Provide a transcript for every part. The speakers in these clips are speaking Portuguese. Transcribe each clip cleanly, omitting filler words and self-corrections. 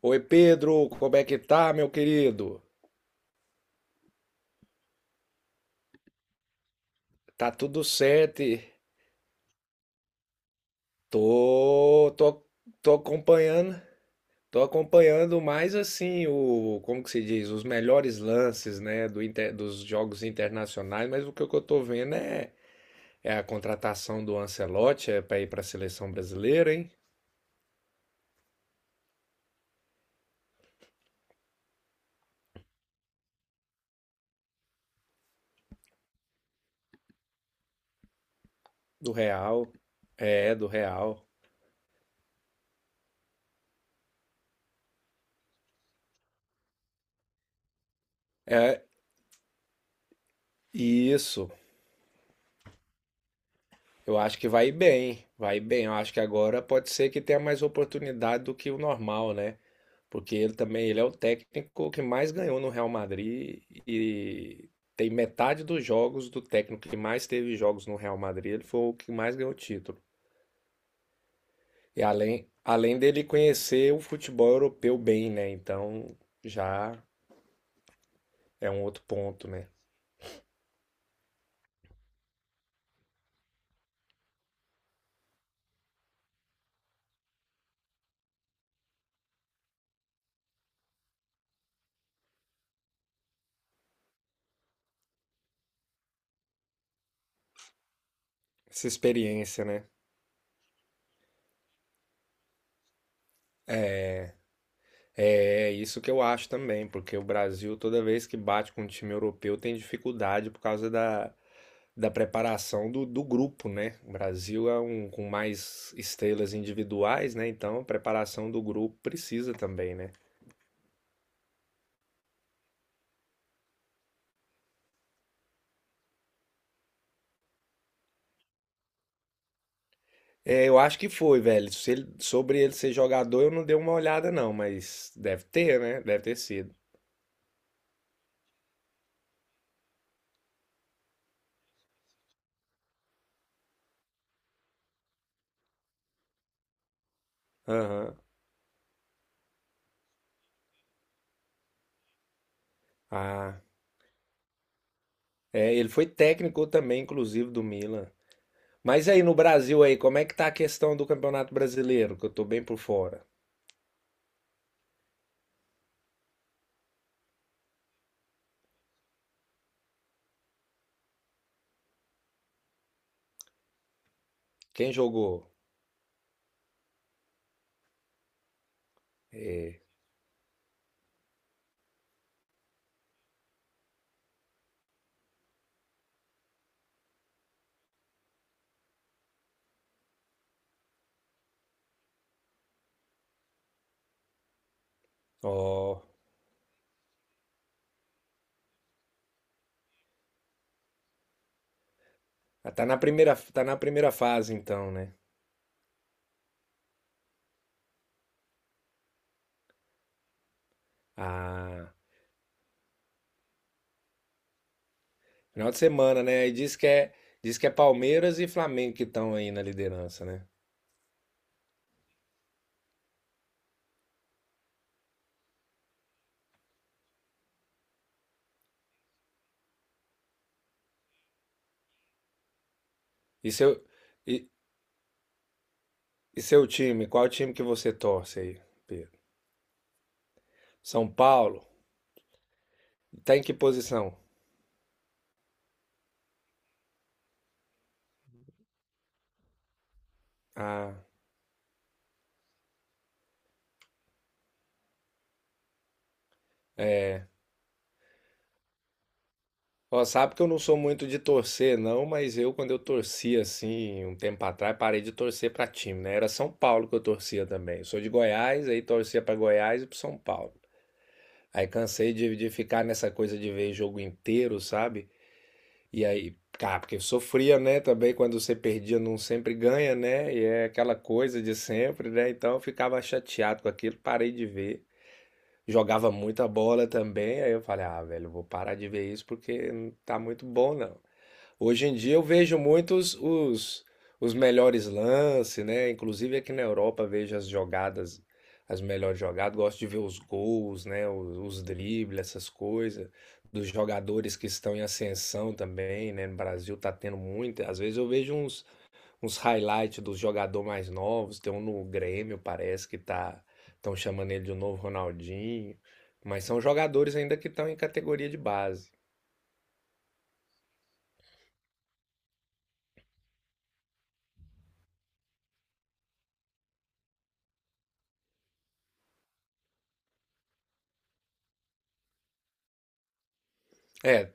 Oi, Pedro, como é que tá, meu querido? Tá tudo certo? E Tô, tô, tô acompanhando, tô acompanhando mais assim o, como que se diz, os melhores lances, né, dos jogos internacionais, mas o que eu tô vendo é, é a contratação do Ancelotti é para ir para a seleção brasileira, hein? Do Real. É, do Real. É, isso. Eu acho que vai bem, vai bem. Eu acho que agora pode ser que tenha mais oportunidade do que o normal, né? Porque ele também, ele é o técnico que mais ganhou no Real Madrid e tem metade dos jogos do técnico que mais teve jogos no Real Madrid, ele foi o que mais ganhou título. E além, além dele conhecer o futebol europeu bem, né? Então já é um outro ponto, né? Essa experiência, né? É isso que eu acho também, porque o Brasil, toda vez que bate com um time europeu, tem dificuldade por causa da preparação do grupo, né? O Brasil é um com mais estrelas individuais, né? Então a preparação do grupo precisa também, né? É, eu acho que foi, velho. Se ele- Sobre ele ser jogador, eu não dei uma olhada, não, mas deve ter, né? Deve ter sido. Aham. Ah. É, ele foi técnico também, inclusive, do Milan. Mas aí no Brasil aí, como é que tá a questão do Campeonato Brasileiro? Que eu tô bem por fora. Quem jogou? É, ó, tá na primeira fase então, né? Ah, final de semana, né? E diz que é Palmeiras e Flamengo que estão aí na liderança, né? E seu, e, e seu time? Qual time que você torce aí, Pedro? São Paulo? Tá em que posição? Ah, ó, sabe que eu não sou muito de torcer, não, mas eu, quando eu torcia assim, um tempo atrás, parei de torcer pra time, né? Era São Paulo que eu torcia também. Eu sou de Goiás, aí torcia pra Goiás e pro São Paulo. Aí cansei de ficar nessa coisa de ver jogo inteiro, sabe? E aí, cara, porque eu sofria, né, também quando você perdia, não sempre ganha, né? E é aquela coisa de sempre, né? Então eu ficava chateado com aquilo, parei de ver. Jogava muita bola também, aí eu falei, ah, velho, eu vou parar de ver isso porque não tá muito bom, não. Hoje em dia eu vejo muitos os melhores lances, né? Inclusive aqui na Europa vejo as jogadas, as melhores jogadas. Gosto de ver os gols, né? Os dribles, essas coisas. Dos jogadores que estão em ascensão também, né? No Brasil tá tendo muito. Às vezes eu vejo uns, uns highlights dos jogadores mais novos. Tem um no Grêmio, parece que tá, estão chamando ele de um novo Ronaldinho. Mas são jogadores ainda que estão em categoria de base. É,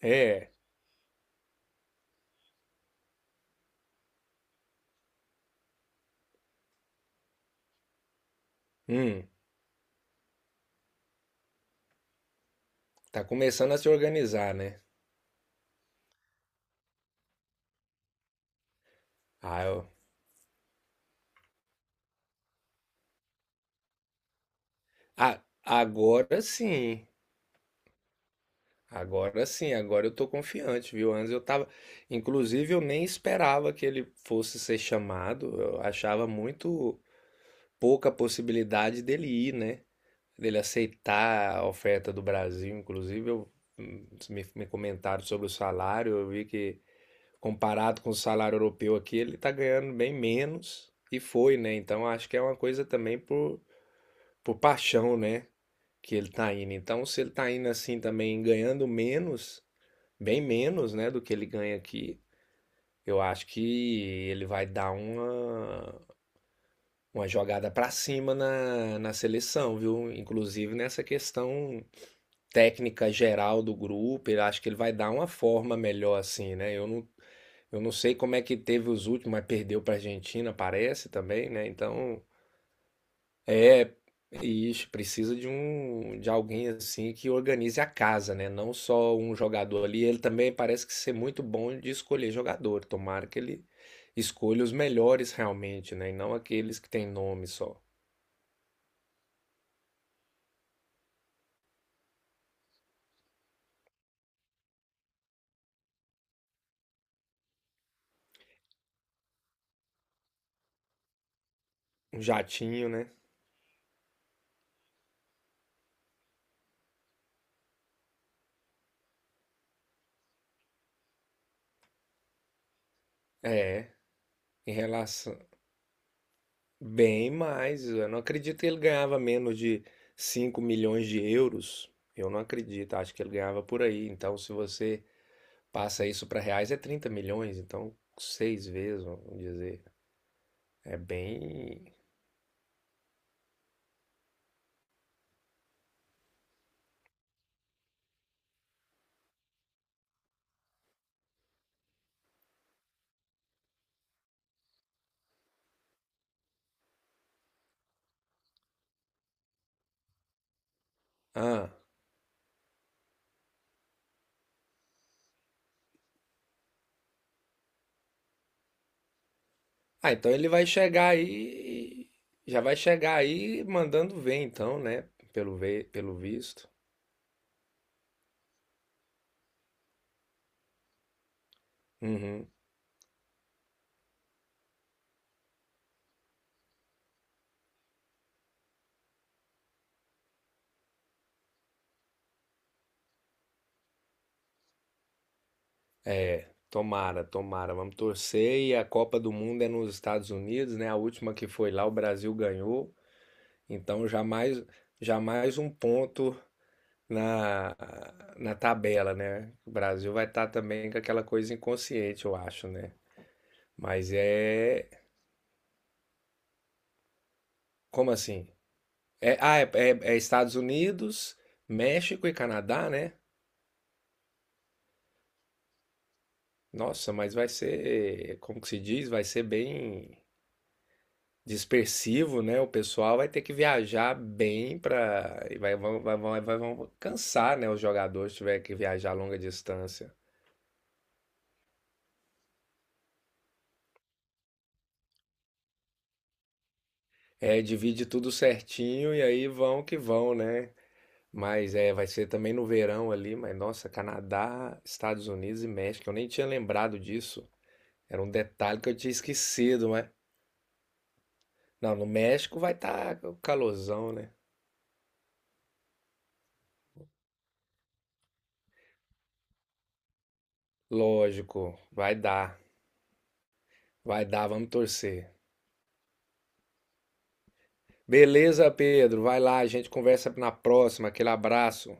é. Hum. Tá começando a se organizar, né? Ah, eu- Ah, agora sim. Agora sim, agora eu tô confiante, viu? Antes eu tava. Inclusive, eu nem esperava que ele fosse ser chamado. Eu achava muito pouca possibilidade dele ir, né? Dele aceitar a oferta do Brasil. Inclusive, eu... me comentaram sobre o salário. Eu vi que, comparado com o salário europeu aqui, ele tá ganhando bem menos. E foi, né? Então, acho que é uma coisa também por paixão, né? Que ele está indo. Então, se ele está indo assim também, ganhando menos, bem menos, né, do que ele ganha aqui, eu acho que ele vai dar uma jogada para cima na seleção, viu? Inclusive nessa questão técnica geral do grupo, eu acho que ele vai dar uma forma melhor assim, né? Eu não sei como é que teve os últimos, mas perdeu pra Argentina, parece também, né? Então, é, isso, precisa de um de alguém assim que organize a casa, né? Não só um jogador ali. Ele também parece que ser muito bom de escolher jogador. Tomara que ele escolha os melhores realmente, né? E não aqueles que têm nome só. Um jatinho, né? É, em relação. Bem mais. Eu não acredito que ele ganhava menos de 5 milhões de euros. Eu não acredito. Acho que ele ganhava por aí. Então, se você passa isso para reais é 30 milhões, então seis vezes, vamos dizer. É bem. Ah, ah, então ele vai chegar aí. Já vai chegar aí mandando ver, então, né? Pelo, ve... pelo visto. Uhum. É, tomara, tomara. Vamos torcer. E a Copa do Mundo é nos Estados Unidos, né? A última que foi lá, o Brasil ganhou. Então já mais um ponto na, na tabela, né? O Brasil vai estar também com aquela coisa inconsciente, eu acho, né? Mas é. Como assim? É Estados Unidos, México e Canadá, né? Nossa, mas vai ser, como que se diz? Vai ser bem dispersivo, né? O pessoal vai ter que viajar bem para e vão cansar, né? Os jogadores se tiver que viajar a longa distância. É, divide tudo certinho e aí vão que vão, né? Mas é, vai ser também no verão ali, mas nossa, Canadá, Estados Unidos e México, eu nem tinha lembrado disso. Era um detalhe que eu tinha esquecido, mas. Não, no México vai estar o calorzão, né? Lógico, vai dar. Vai dar, vamos torcer. Beleza, Pedro. Vai lá, a gente conversa na próxima. Aquele abraço.